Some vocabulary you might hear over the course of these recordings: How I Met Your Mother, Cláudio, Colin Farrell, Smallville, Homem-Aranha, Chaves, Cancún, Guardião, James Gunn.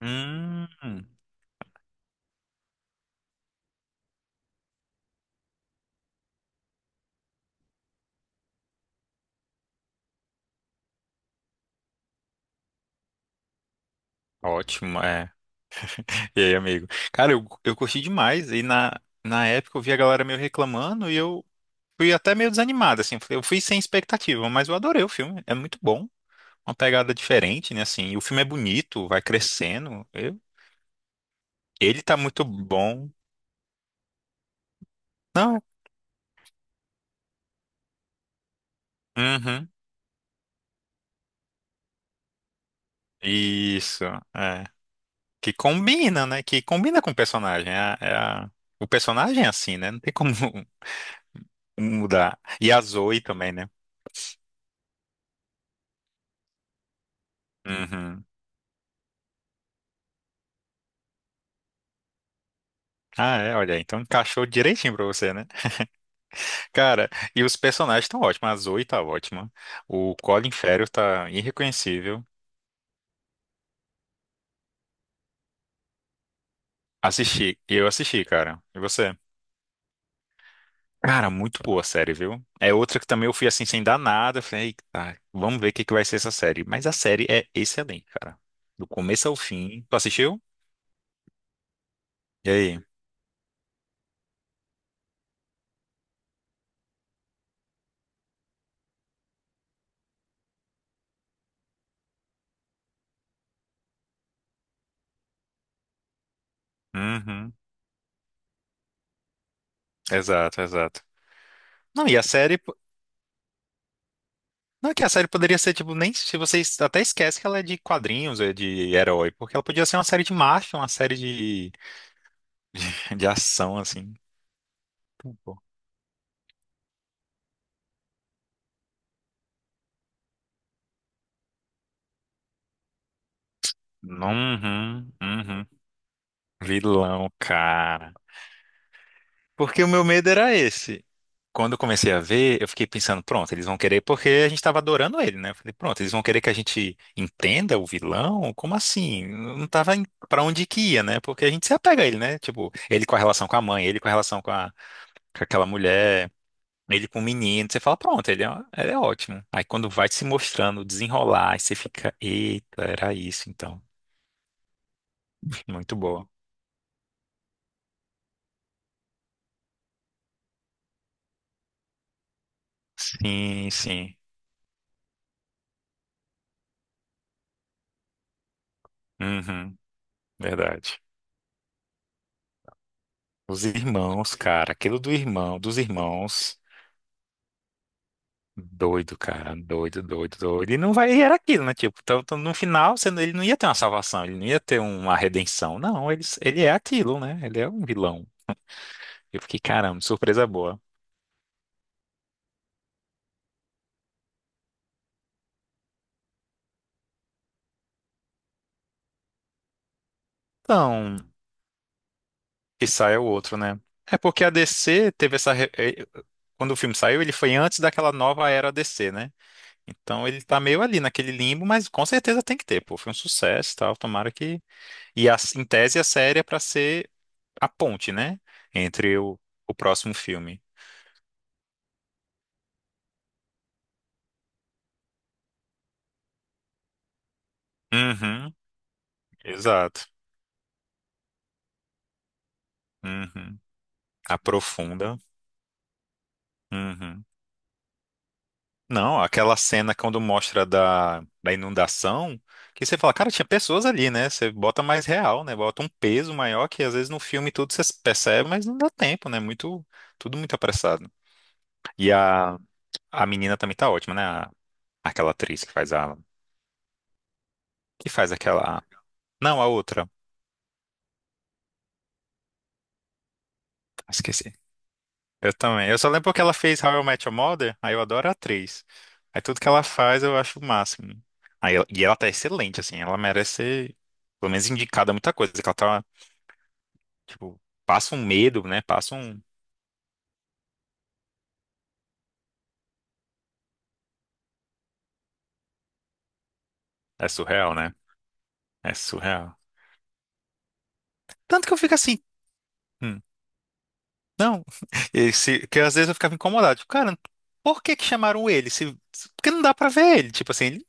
Hum, Ótimo, é. E aí, amigo? Cara, eu curti demais. E na época eu vi a galera meio reclamando e eu fui até meio desanimado, assim. Eu fui sem expectativa, mas eu adorei o filme. É muito bom. Uma pegada diferente, né? Assim, e o filme é bonito, vai crescendo. Ele tá muito bom. Não, é- Uhum. Isso, é. Que combina, né? Que combina com o personagem. O personagem é assim, né? Não tem como mudar. E a Zoe também, né? Uhum. Ah, é, olha, então encaixou direitinho pra você, né? Cara, e os personagens estão ótimos, a Zoe tá ótima, o Colin Farrell tá irreconhecível. Assisti, eu assisti, cara. E você? Cara, muito boa a série, viu? É outra que também eu fui assim sem dar nada, eu falei, eita, vamos ver o que que vai ser essa série. Mas a série é excelente, cara. Do começo ao fim. Tu assistiu? E aí? Uhum, exato, exato. Não, e a série. Não, é que a série poderia ser, tipo, nem se vocês até esquece que ela é de quadrinhos, é de herói, porque ela podia ser uma série de marcha, de ação, assim. Pô. Uhum, uhum. Vilão, cara. Porque o meu medo era esse. Quando eu comecei a ver, eu fiquei pensando, pronto, eles vão querer, porque a gente tava adorando ele, né? Eu falei, pronto, eles vão querer que a gente entenda o vilão? Como assim? Eu Não tava pra onde que ia, né? Porque a gente se apega a ele, né? Tipo, ele com a relação com a mãe, ele com a relação com, a, com aquela mulher. Ele com o menino, você fala, pronto, ele é ótimo. Aí quando vai se mostrando, desenrolar, aí você fica, eita, era isso então. Muito boa. Sim, sim. Uhum, verdade. Os irmãos, cara, dos irmãos, doido, cara, doido, doido, doido. E não vai, e era aquilo, né? Tipo, então, no final, você não- ele não ia ter uma salvação, ele não ia ter uma redenção. Não, ele é aquilo, né? Ele é um vilão. Eu fiquei, caramba, surpresa boa. Então. Que saia o outro, né? É porque a DC teve essa. Quando o filme saiu, ele foi antes daquela nova era DC, né? Então ele tá meio ali naquele limbo, mas com certeza tem que ter, pô. Foi um sucesso e tal, tomara que. Em tese a série é pra ser a ponte, né? Entre o próximo filme. Uhum, exato. Uhum. Aprofunda. Uhum. Não, aquela cena quando mostra da inundação, que você fala, cara, tinha pessoas ali, né? Você bota mais real, né? Bota um peso maior que às vezes no filme tudo você percebe, mas não dá tempo, né? Muito, tudo muito apressado. E a, a menina também tá ótima, né? Aquela atriz que que faz aquela, não, a outra. Ah, esqueci. Eu também. Eu só lembro que ela fez How I Met Your Mother, aí eu adoro a atriz. Aí tudo que ela faz eu acho o máximo. E ela tá excelente, assim, ela merece ser, pelo menos indicada a muita coisa, que ela tá. Tipo, passa um medo, né? Passa um. É surreal, né? É surreal. Tanto que eu fico assim. hum, não. Esse, que às vezes eu ficava incomodado. Tipo, cara, por que que chamaram ele? Porque não dá pra ver ele. Tipo assim, ele-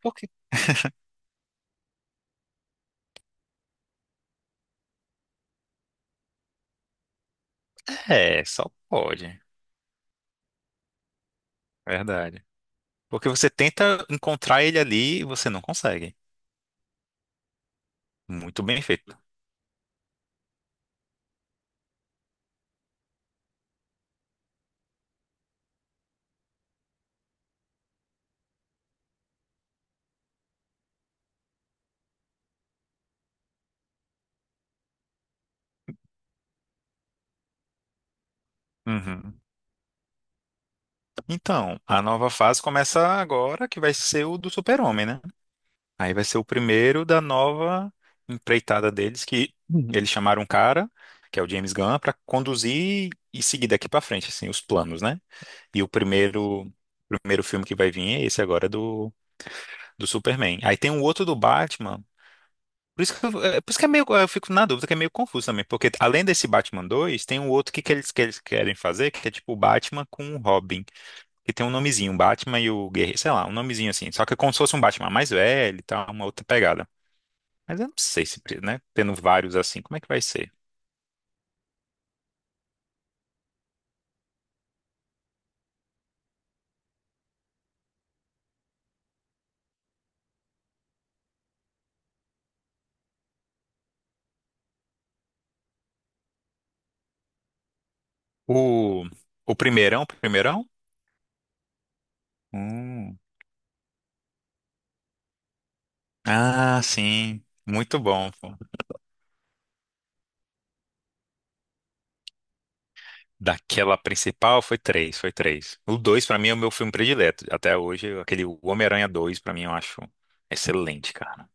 porque. É, só pode. Verdade. Porque você tenta encontrar ele ali e você não consegue. Muito bem feito. Uhum. Então, a nova fase começa agora, que vai ser o do Super-Homem, né? Aí vai ser o primeiro da nova empreitada deles, que Uhum. eles chamaram um cara, que é o James Gunn, para conduzir e seguir daqui para frente, assim, os planos, né? E o primeiro, o primeiro filme que vai vir é esse agora do Superman. Aí tem um outro do Batman. Por isso que, por isso que é meio, eu fico na dúvida, que é meio confuso também, porque além desse Batman 2 tem um outro que eles querem fazer, que é tipo o Batman com o Robin, que tem um nomezinho, o Batman e o Guerreiro, sei lá, um nomezinho assim, só que é como se fosse um Batman mais velho e tal, uma outra pegada. Mas eu não sei se, né? Tendo vários assim, como é que vai ser? O, o primeirão, primeirão? Hum. Ah, sim. Muito bom. Pô. Daquela principal foi três, foi três. O dois, pra mim, é o meu filme predileto. Até hoje, aquele Homem-Aranha 2, pra mim, eu acho excelente, cara.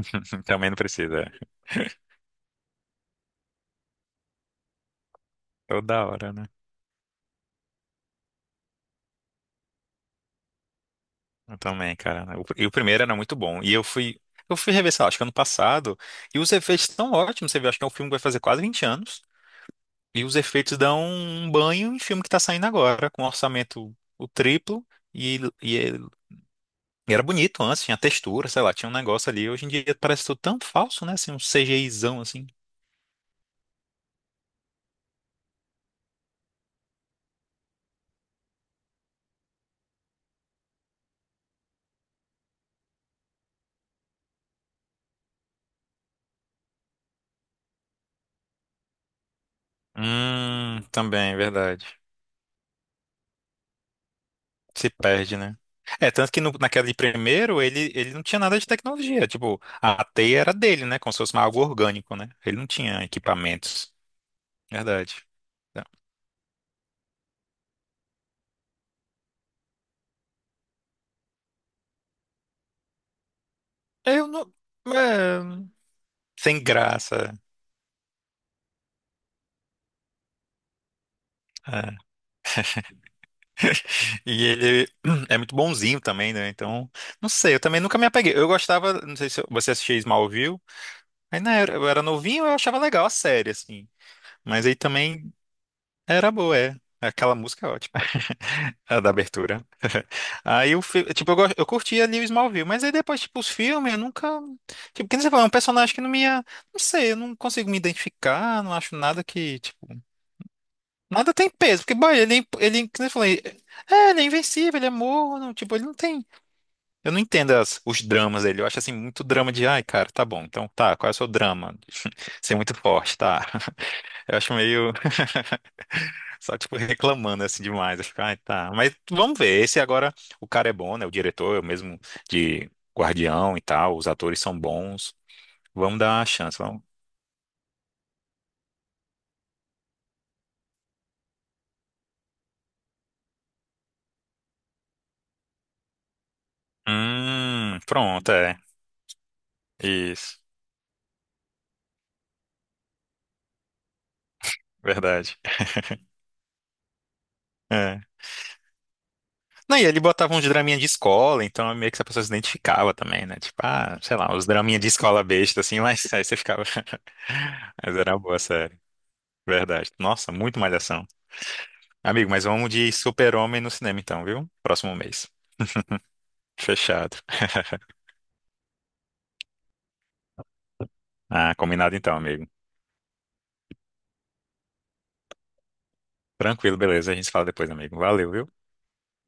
Também não precisa. Toda hora, né? Eu também, cara. E o primeiro era muito bom. E eu fui. Eu fui rever, sei lá, acho que ano passado. E os efeitos estão ótimos. Você vê, acho que é um filme que vai fazer quase 20 anos. E os efeitos dão um banho em filme que tá saindo agora, com um orçamento o triplo, e, e, é- e era bonito antes, tinha textura, sei lá, tinha um negócio ali. Hoje em dia parece tudo tão falso, né? Assim, um CGIzão assim. Também, verdade. Se perde, né? É, tanto que naquela de primeiro, ele não tinha nada de tecnologia. Tipo, a teia era dele, né? Como se fosse algo orgânico, né? Ele não tinha equipamentos. Verdade. Tá. Eu não. É, sem graça. É. E ele é muito bonzinho também, né? Então, não sei, eu também nunca me apeguei. Eu gostava, não sei se você assistia Smallville. Aí na eu era novinho, eu achava legal a série, assim. Mas aí também era boa, é. Aquela música é ótima, a da abertura. Aí o fi- tipo, eu, go- Eu curtia ali o Smallville, mas aí depois, tipo, os filmes, eu nunca. Tipo, que nem você falou, é um personagem que não Não sei, eu não consigo me identificar, não acho nada que, tipo. Nada tem peso, porque, boy, que nem eu falei, é, ele é invencível, ele é morno, tipo, ele não tem. Eu não entendo os dramas dele. Eu acho assim muito drama de, ai, cara, tá bom. Então, tá, qual é o seu drama? Ser muito forte, tá. Eu acho meio só tipo reclamando assim demais. Eu fico, ai, tá. Mas vamos ver. Esse agora o cara é bom, né? O diretor é o mesmo de Guardião e tal, os atores são bons. Vamos dar uma chance, vamos. Pronto, é. Isso. Verdade. É. Não, e ele botava uns draminha de escola, então meio que a pessoa se identificava também, né? Tipo, ah, sei lá, uns draminha de escola besta, assim, mas aí você ficava. Mas era uma boa série, verdade. Nossa, muito malhação. Amigo, mas vamos de Super-Homem no cinema então, viu? Próximo mês. Fechado. Ah, combinado então, amigo. Tranquilo, beleza. A gente se fala depois, amigo. Valeu, viu?